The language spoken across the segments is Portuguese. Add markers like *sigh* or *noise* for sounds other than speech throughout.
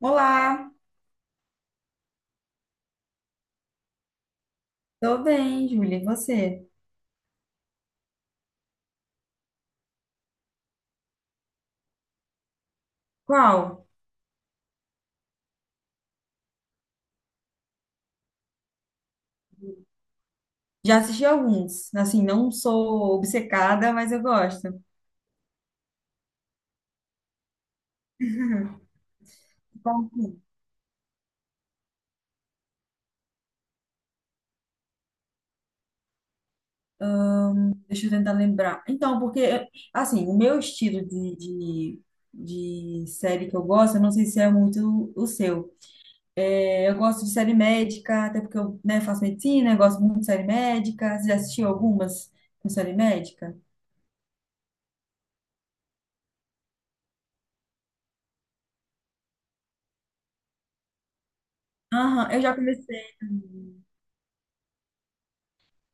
Olá, tô bem, Júlia. E você? Qual? Já assisti alguns. Assim, não sou obcecada, mas eu gosto. *laughs* É? Deixa eu tentar lembrar. Assim, o meu estilo de série que eu gosto, eu não sei se é muito o seu. Eu gosto de série médica, até porque eu, né, faço medicina, eu gosto muito de série médica. Você já assistiu algumas com série médica? Aham, eu já comecei.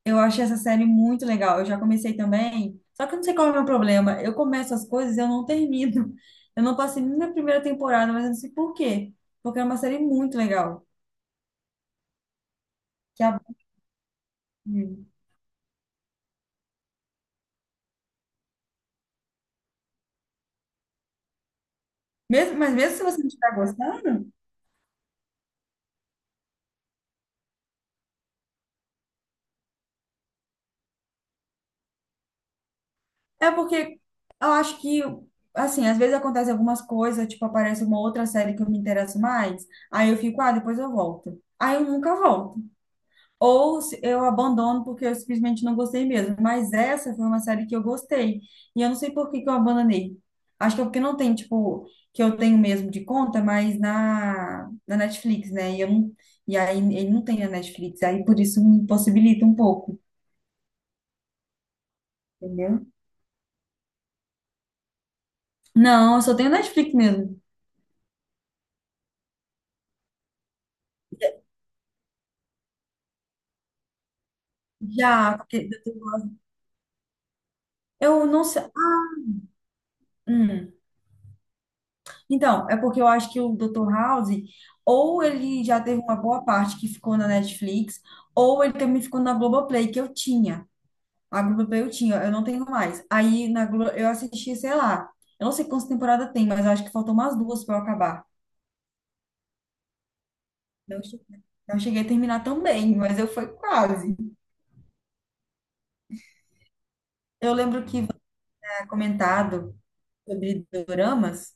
Eu achei essa série muito legal. Eu já comecei também, só que eu não sei qual é o meu problema. Eu começo as coisas e eu não termino. *laughs* Eu não passei nem na primeira temporada, mas eu não sei por quê. Porque é uma série muito legal. Que a- mesmo, mas mesmo se você não estiver gostando, é porque eu acho que, assim, às vezes acontece algumas coisas, tipo, aparece uma outra série que eu me interesso mais, aí eu fico, ah, depois eu volto. Aí eu nunca volto. Ou se- eu abandono porque eu simplesmente não gostei mesmo. Mas essa foi uma série que eu gostei. E eu não sei por que que eu abandonei. Acho que é porque não tem, tipo, que eu tenho mesmo de conta, mas na Netflix, né? E aí ele não tem a Netflix. Aí por isso me possibilita um pouco, entendeu? Não, eu só tenho Netflix mesmo. Já, porque eu não sei. Hum. Então, é porque eu acho que o Dr. House, ou ele já teve uma boa parte que ficou na Netflix, ou ele também ficou na Globoplay, que eu tinha. A Globoplay eu tinha, eu não tenho mais. Aí na Glo eu assisti, sei lá, eu não sei quantas temporadas tem, mas eu acho que faltam umas duas para eu acabar. Não che- não cheguei a terminar também, mas eu fui quase. Eu lembro que você tinha comentado sobre doramas.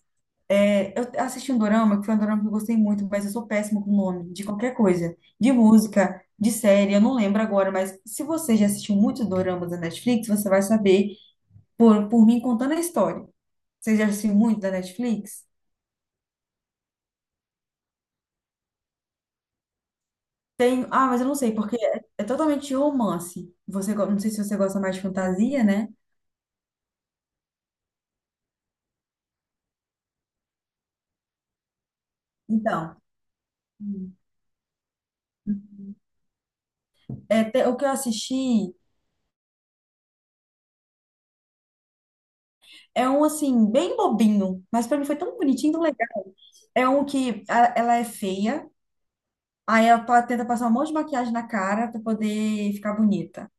É, eu assisti um dorama, que foi um dorama que eu gostei muito, mas eu sou péssima com o nome de qualquer coisa. De música, de série, eu não lembro agora, mas se você já assistiu muitos doramas da Netflix, você vai saber por mim contando a história. Você já assistiu muito da Netflix? Tem, ah, mas eu não sei, porque é totalmente romance. Não sei se você gosta mais de fantasia, né? Então, hum, o que eu assisti é um, assim, bem bobinho, mas pra mim foi tão bonitinho, tão legal. Ela é feia. Aí ela tenta passar um monte de maquiagem na cara pra poder ficar bonita.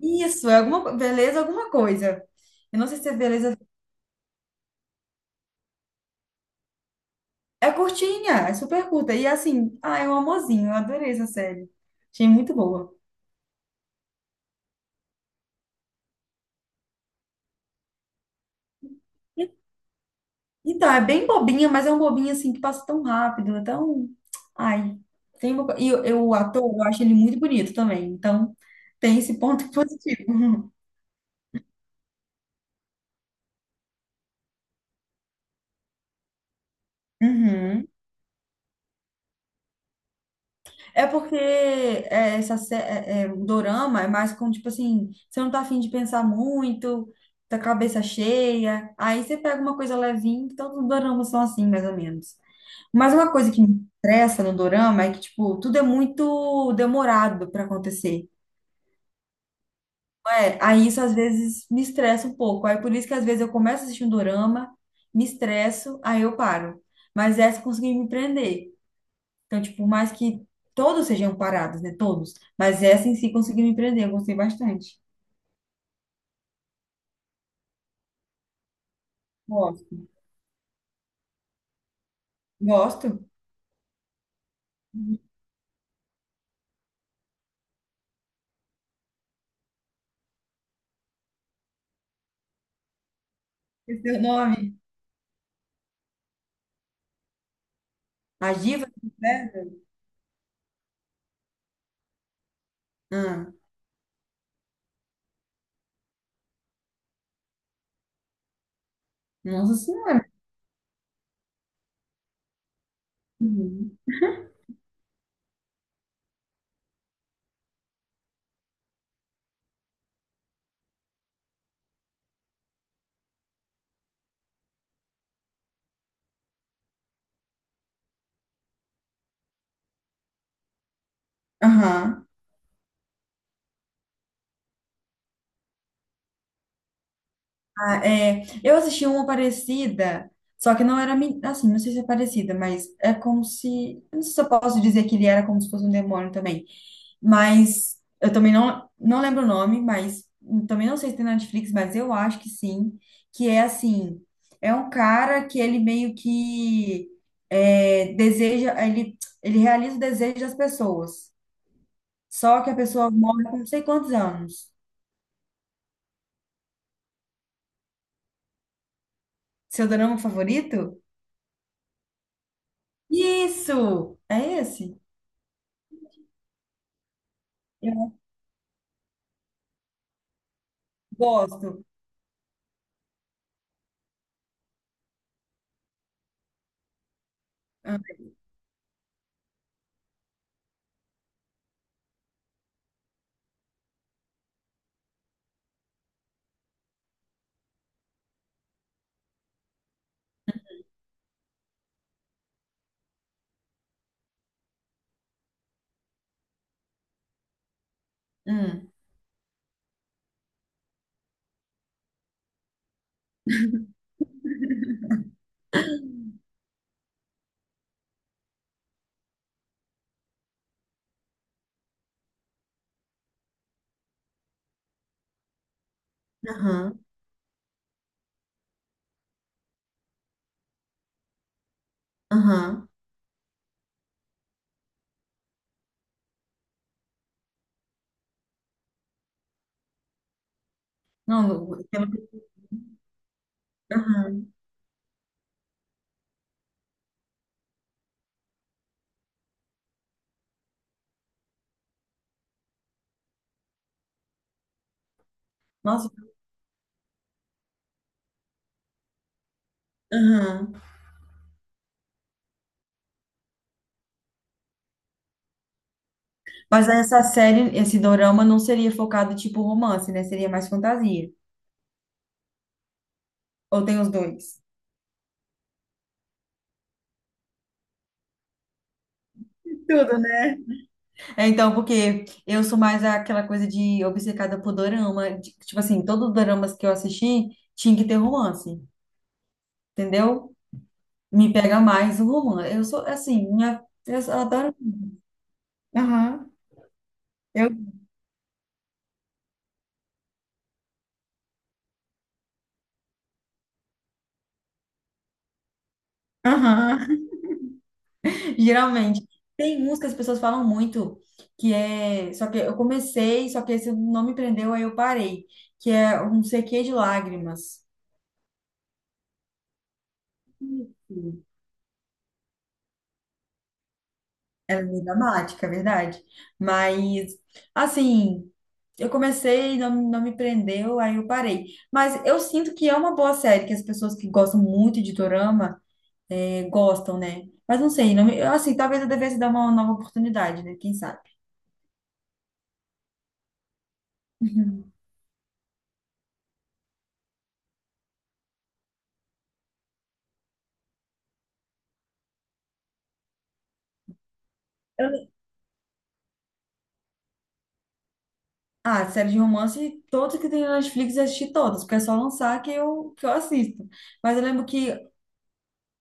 Isso, é beleza, alguma coisa. Eu não sei se é beleza. É curtinha, é super curta. E assim, ah, é um amorzinho. Eu adorei essa série. Achei muito boa. Então, é bem bobinha, mas é um bobinho assim que passa tão rápido, é tão. Ai, E o ator, eu acho ele muito bonito também. Então, tem esse ponto *laughs* positivo. Uhum. É porque é, o dorama é mais com, tipo assim, você não tá afim de pensar muito, tá com a cabeça cheia, aí você pega uma coisa levinha, que todos os doramas são assim, mais ou menos. Mas uma coisa que me estressa no dorama é que, tipo, tudo é muito demorado pra acontecer. É, aí isso às vezes me estressa um pouco. Aí por isso que às vezes eu começo a assistir um dorama, me estresso, aí eu paro. Mas essa eu consegui me prender. Então, tipo, por mais que todos sejam parados, né? Todos. Mas essa em si conseguiu me prender, eu gostei bastante. Gosto. Gosto. Esse é o nome. As divas do inferno? Ah, nossa senhora. Uhum. Aham. Ah, é, eu assisti uma parecida, só que não era, assim, não sei se é parecida, mas é como se, eu não sei se eu posso dizer que ele era como se fosse um demônio também. Mas eu também não lembro o nome, mas também não sei se tem na Netflix, mas eu acho que sim. Que é assim: é um cara que ele meio que deseja, ele realiza o desejo das pessoas. Só que a pessoa morre com não sei quantos anos. Seu drama favorito? Isso! É esse? Eu gosto. Ah, hum. Aham, aham. Não, pelo que. Aham. Nossa, aham. Mas essa série, esse dorama não seria focado tipo romance, né? Seria mais fantasia. Ou tem os dois? Tudo, né? É, então, porque eu sou mais aquela coisa de obcecada por dorama. Tipo assim, todos os doramas que eu assisti tinha que ter romance, entendeu? Me pega mais o romance. Eu sou, assim, minha, eu só adoro. Aham. eu- Aham. Geralmente. Tem uns que as pessoas falam muito, que é. Só que eu comecei, só que esse não me prendeu, aí eu parei. Que é um CQ de lágrimas. Isso. É meio dramática, é verdade. Mas, assim, eu comecei, não me prendeu, aí eu parei. Mas eu sinto que é uma boa série, que as pessoas que gostam muito de dorama gostam, né? Mas não sei, não me- assim, talvez eu devesse dar uma nova oportunidade, né? Quem sabe? *laughs* Ah, série de romance, todos que tem na Netflix eu assisti todas, porque é só lançar que que eu assisto. Mas eu lembro que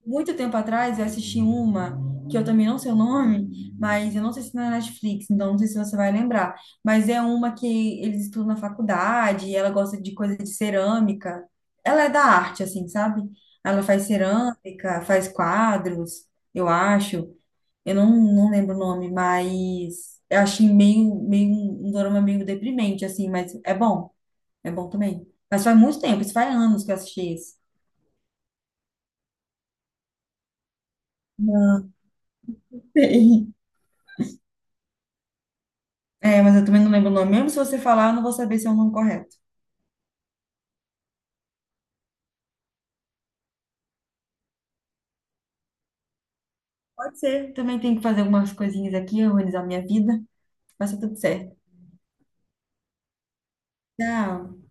muito tempo atrás eu assisti uma, que eu também não sei o nome, mas eu não sei se é na Netflix, então não sei se você vai lembrar. Mas é uma que eles estudam na faculdade, e ela gosta de coisa de cerâmica. Ela é da arte, assim, sabe? Ela faz cerâmica, faz quadros, eu acho. Eu não, não lembro o nome, mas eu achei meio um dorama meio deprimente, assim, mas é bom também. Mas faz muito tempo, isso faz anos que eu assisti esse. Não. Sim. É, mas eu também não lembro o nome. Mesmo se você falar, eu não vou saber se é o nome correto. Pode ser. Também tenho que fazer algumas coisinhas aqui, organizar minha vida. Vai ser tudo certo. Tchau.